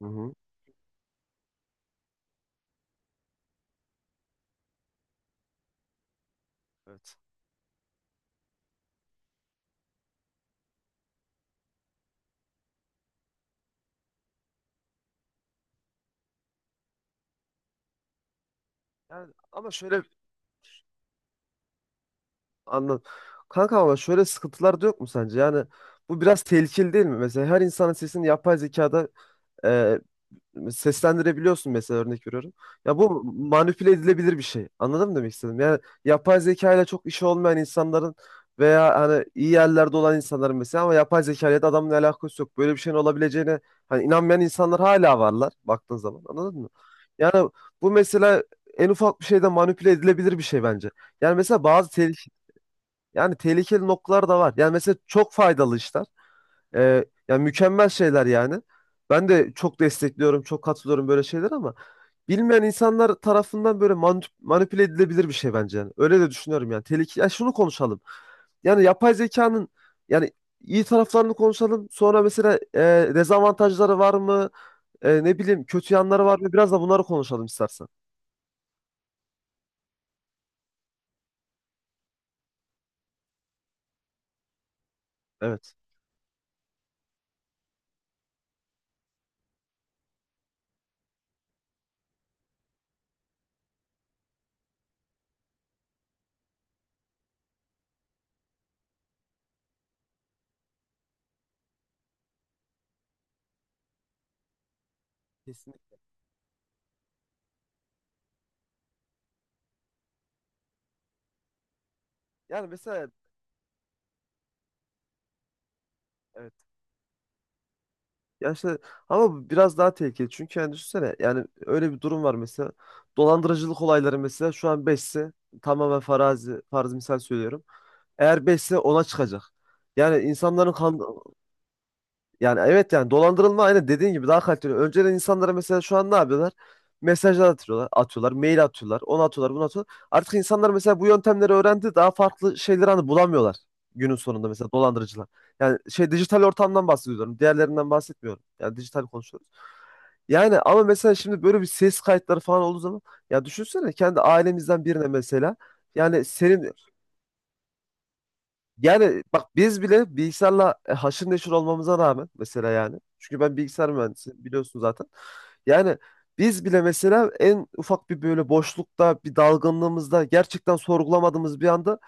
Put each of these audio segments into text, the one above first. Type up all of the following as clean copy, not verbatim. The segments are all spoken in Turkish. Hı hı. Evet. Yani ama şöyle anla. Kanka ama şöyle sıkıntılar da yok mu sence? Yani bu biraz tehlikeli değil mi? Mesela her insanın sesini yapay zekada seslendirebiliyorsun mesela örnek veriyorum. Ya bu manipüle edilebilir bir şey. Anladın mı demek istedim? Yani yapay zeka ile çok işi olmayan insanların veya hani iyi yerlerde olan insanların mesela ama yapay zeka ile de adamın alakası yok. Böyle bir şeyin olabileceğine hani inanmayan insanlar hala varlar baktığın zaman. Anladın mı? Yani bu mesela en ufak bir şeyde manipüle edilebilir bir şey bence. Yani mesela bazı tehlike yani tehlikeli noktalar da var. Yani mesela çok faydalı işler. Yani mükemmel şeyler yani. Ben de çok destekliyorum, çok katılıyorum böyle şeyler ama bilmeyen insanlar tarafından böyle manipüle edilebilir bir şey bence yani. Öyle de düşünüyorum yani. Tehlike ya şunu konuşalım. Yani yapay zekanın yani iyi taraflarını konuşalım. Sonra mesela dezavantajları var mı? Ne bileyim kötü yanları var mı? Biraz da bunları konuşalım istersen. Evet. Kesinlikle. Yani mesela evet. Ya işte ama bu biraz daha tehlikeli. Çünkü yani düşünsene yani öyle bir durum var mesela. Dolandırıcılık olayları mesela şu an 5'se tamamen farazi, farz misal söylüyorum. Eğer 5'se ona çıkacak. Yani insanların kan- Yani evet yani dolandırılma aynen dediğin gibi daha kaliteli. Önceden insanlara mesela şu an ne yapıyorlar? Mesajlar atıyorlar, atıyorlar, mail atıyorlar, onu atıyorlar, bunu atıyorlar. Artık insanlar mesela bu yöntemleri öğrendi, daha farklı şeyleri hani bulamıyorlar günün sonunda mesela dolandırıcılar. Yani şey dijital ortamdan bahsediyorum, diğerlerinden bahsetmiyorum. Yani dijital konuşuyoruz. Yani ama mesela şimdi böyle bir ses kayıtları falan olduğu zaman ya düşünsene kendi ailemizden birine mesela yani senin yani bak biz bile bilgisayarla haşır neşir olmamıza rağmen mesela yani. Çünkü ben bilgisayar mühendisiyim biliyorsun zaten. Yani biz bile mesela en ufak bir böyle boşlukta bir dalgınlığımızda gerçekten sorgulamadığımız bir anda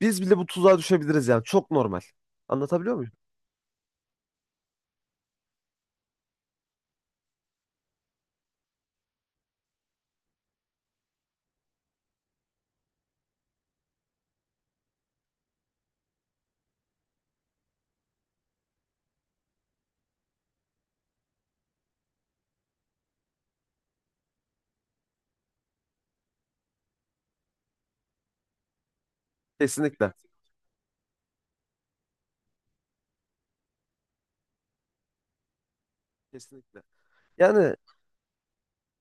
biz bile bu tuzağa düşebiliriz yani. Çok normal. Anlatabiliyor muyum? Kesinlikle. Kesinlikle. Yani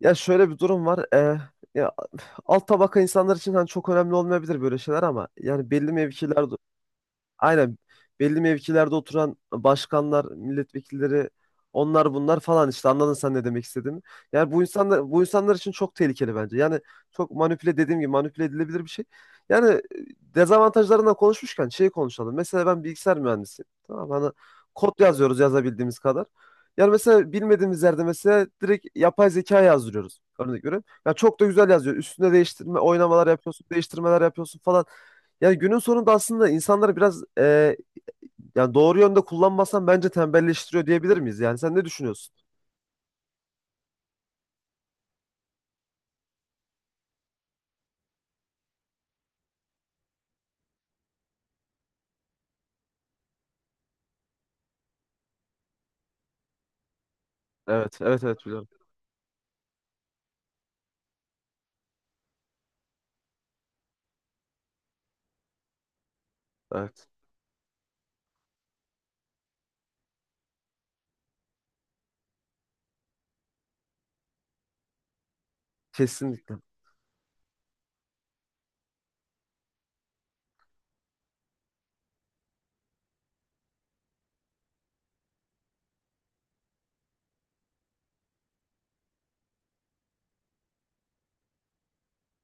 Ya şöyle bir durum var. Ya alt tabaka insanlar için hani çok önemli olmayabilir böyle şeyler ama yani belli mevkiler aynen belli mevkilerde oturan başkanlar, milletvekilleri onlar bunlar falan işte anladın sen ne demek istediğimi. Yani bu insanlar için çok tehlikeli bence. Yani çok manipüle dediğim gibi manipüle edilebilir bir şey. Yani dezavantajlarından konuşmuşken şeyi konuşalım. Mesela ben bilgisayar mühendisiyim. Tamam mı? Hani kod yazıyoruz yazabildiğimiz kadar. Yani mesela bilmediğimiz yerde mesela direkt yapay zeka yazdırıyoruz. Örnek veriyorum. Ya çok da güzel yazıyor. Üstüne değiştirme, oynamalar yapıyorsun, değiştirmeler yapıyorsun falan. Ya günün sonunda aslında insanları biraz yani doğru yönde kullanmasan bence tembelleştiriyor diyebilir miyiz? Yani sen ne düşünüyorsun? Evet, evet, evet biliyorum. Evet. Kesinlikle.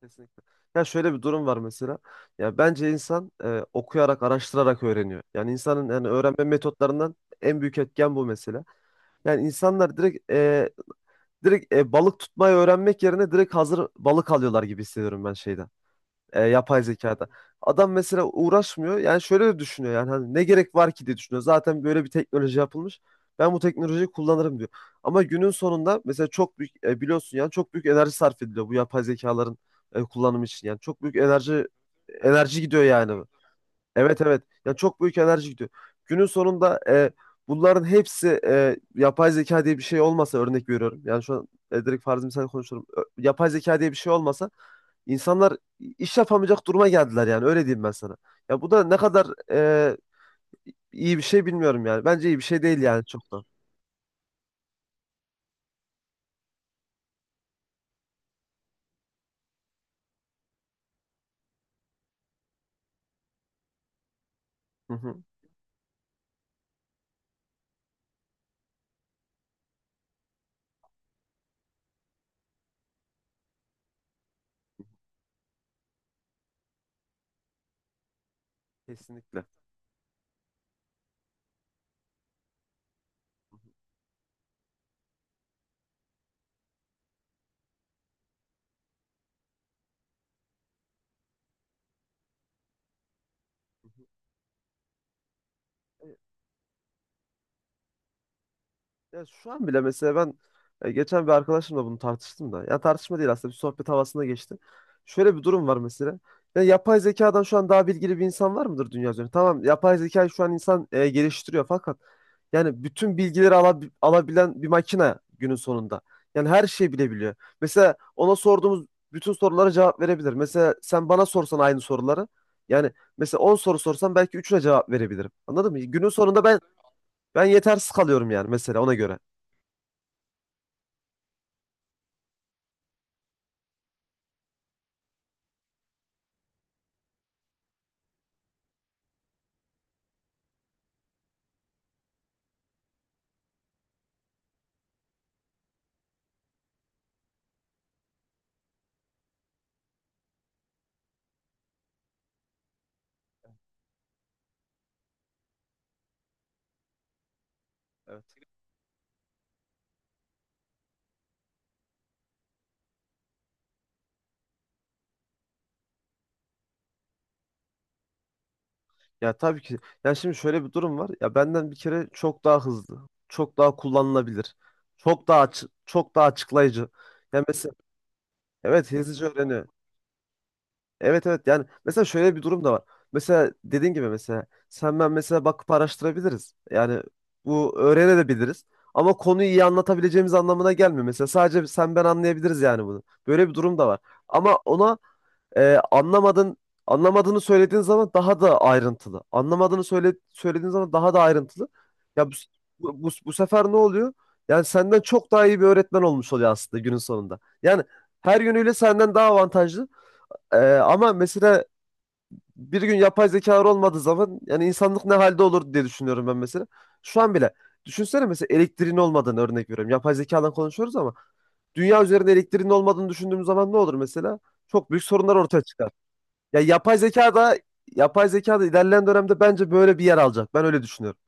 Kesinlikle. Ya şöyle bir durum var mesela. Ya bence insan okuyarak, araştırarak öğreniyor. Yani insanın yani öğrenme metotlarından en büyük etken bu mesela. Yani insanlar direkt balık tutmayı öğrenmek yerine direkt hazır balık alıyorlar gibi hissediyorum ben şeyden. Yapay zekada. Adam mesela uğraşmıyor. Yani şöyle de düşünüyor yani hani ne gerek var ki diye düşünüyor. Zaten böyle bir teknoloji yapılmış. Ben bu teknolojiyi kullanırım diyor. Ama günün sonunda mesela çok büyük biliyorsun yani çok büyük enerji sarf ediliyor bu yapay zekaların kullanımı için. Yani çok büyük enerji gidiyor yani. Evet evet. Yani çok büyük enerji gidiyor. Günün sonunda bunların hepsi yapay zeka diye bir şey olmasa örnek veriyorum. Yani şu an direkt farzı misal konuşuyorum. Yapay zeka diye bir şey olmasa İnsanlar iş yapamayacak duruma geldiler yani öyle diyeyim ben sana. Ya bu da ne kadar e, iyi bir şey bilmiyorum yani. Bence iyi bir şey değil yani çok da. Hı hı. Kesinlikle. Hı hı. Ya şu an bile mesela ben geçen bir arkadaşımla bunu tartıştım da. Ya tartışma değil aslında bir sohbet havasında geçti. Şöyle bir durum var mesela. Ya yapay zekadan şu an daha bilgili bir insan var mıdır dünya üzerinde? Tamam yapay zekayı şu an insan geliştiriyor fakat yani bütün bilgileri alabilen bir makine günün sonunda. Yani her şeyi bilebiliyor. Mesela ona sorduğumuz bütün sorulara cevap verebilir. Mesela sen bana sorsan aynı soruları. Yani mesela 10 soru sorsam belki üçüne cevap verebilirim. Anladın mı? Günün sonunda ben yetersiz kalıyorum yani mesela ona göre. Evet. Ya tabii ki. Ya şimdi şöyle bir durum var. Ya benden bir kere çok daha hızlı, çok daha kullanılabilir, çok daha açıklayıcı. Ya mesela evet hızlıca öğreniyor. Evet evet yani mesela şöyle bir durum da var. Mesela dediğin gibi mesela sen ben mesela bakıp araştırabiliriz. Yani bu öğrenebiliriz. Ama konuyu iyi anlatabileceğimiz anlamına gelmiyor. Mesela sadece sen ben anlayabiliriz yani bunu. Böyle bir durum da var. Ama ona anlamadın Anlamadığını söylediğin zaman daha da ayrıntılı. Söylediğin zaman daha da ayrıntılı. Ya bu sefer ne oluyor? Yani senden çok daha iyi bir öğretmen olmuş oluyor aslında günün sonunda. Yani her yönüyle senden daha avantajlı. Ama mesela bir gün yapay zekalar olmadığı zaman yani insanlık ne halde olur diye düşünüyorum ben mesela. Şu an bile düşünsene mesela elektriğin olmadığını örnek veriyorum. Yapay zekadan konuşuyoruz ama dünya üzerinde elektriğin olmadığını düşündüğümüz zaman ne olur mesela? Çok büyük sorunlar ortaya çıkar. Ya yapay zeka da ilerleyen dönemde bence böyle bir yer alacak. Ben öyle düşünüyorum.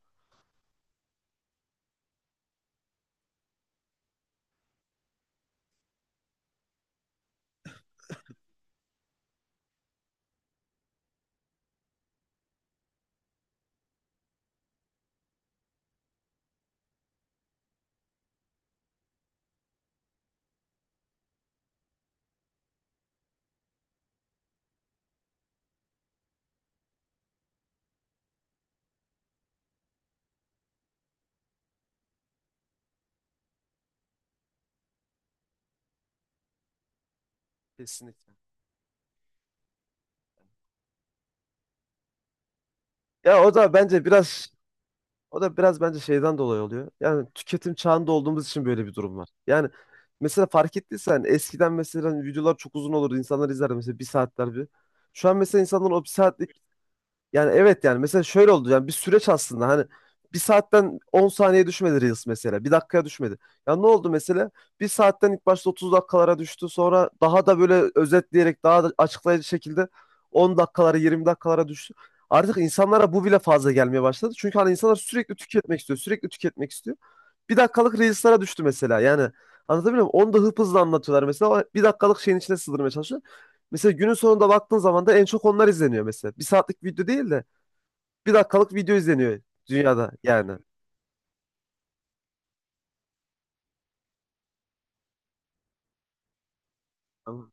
Kesinlikle. Ya o da biraz bence şeyden dolayı oluyor. Yani tüketim çağında olduğumuz için böyle bir durum var. Yani mesela fark ettiysen eskiden mesela videolar çok uzun olurdu. İnsanlar izler mesela bir saatler bir. Şu an mesela insanlar o bir saatlik Yani evet yani mesela şöyle oldu yani bir süreç aslında hani bir saatten 10 saniye düşmedi Reels mesela bir dakikaya düşmedi. Ya ne oldu mesela bir saatten ilk başta 30 dakikalara düştü sonra daha da böyle özetleyerek daha da açıklayıcı şekilde 10 dakikalara 20 dakikalara düştü. Artık insanlara bu bile fazla gelmeye başladı. Çünkü hani insanlar sürekli tüketmek istiyor, sürekli tüketmek istiyor. Bir dakikalık Reels'lara düştü mesela yani anlatabiliyor muyum? Onu da hıp hızlı anlatıyorlar mesela o bir dakikalık şeyin içine sığdırmaya çalışıyor. Mesela günün sonunda baktığın zaman da en çok onlar izleniyor mesela. Bir saatlik video değil de bir dakikalık video izleniyor dünyada yani. Tamam.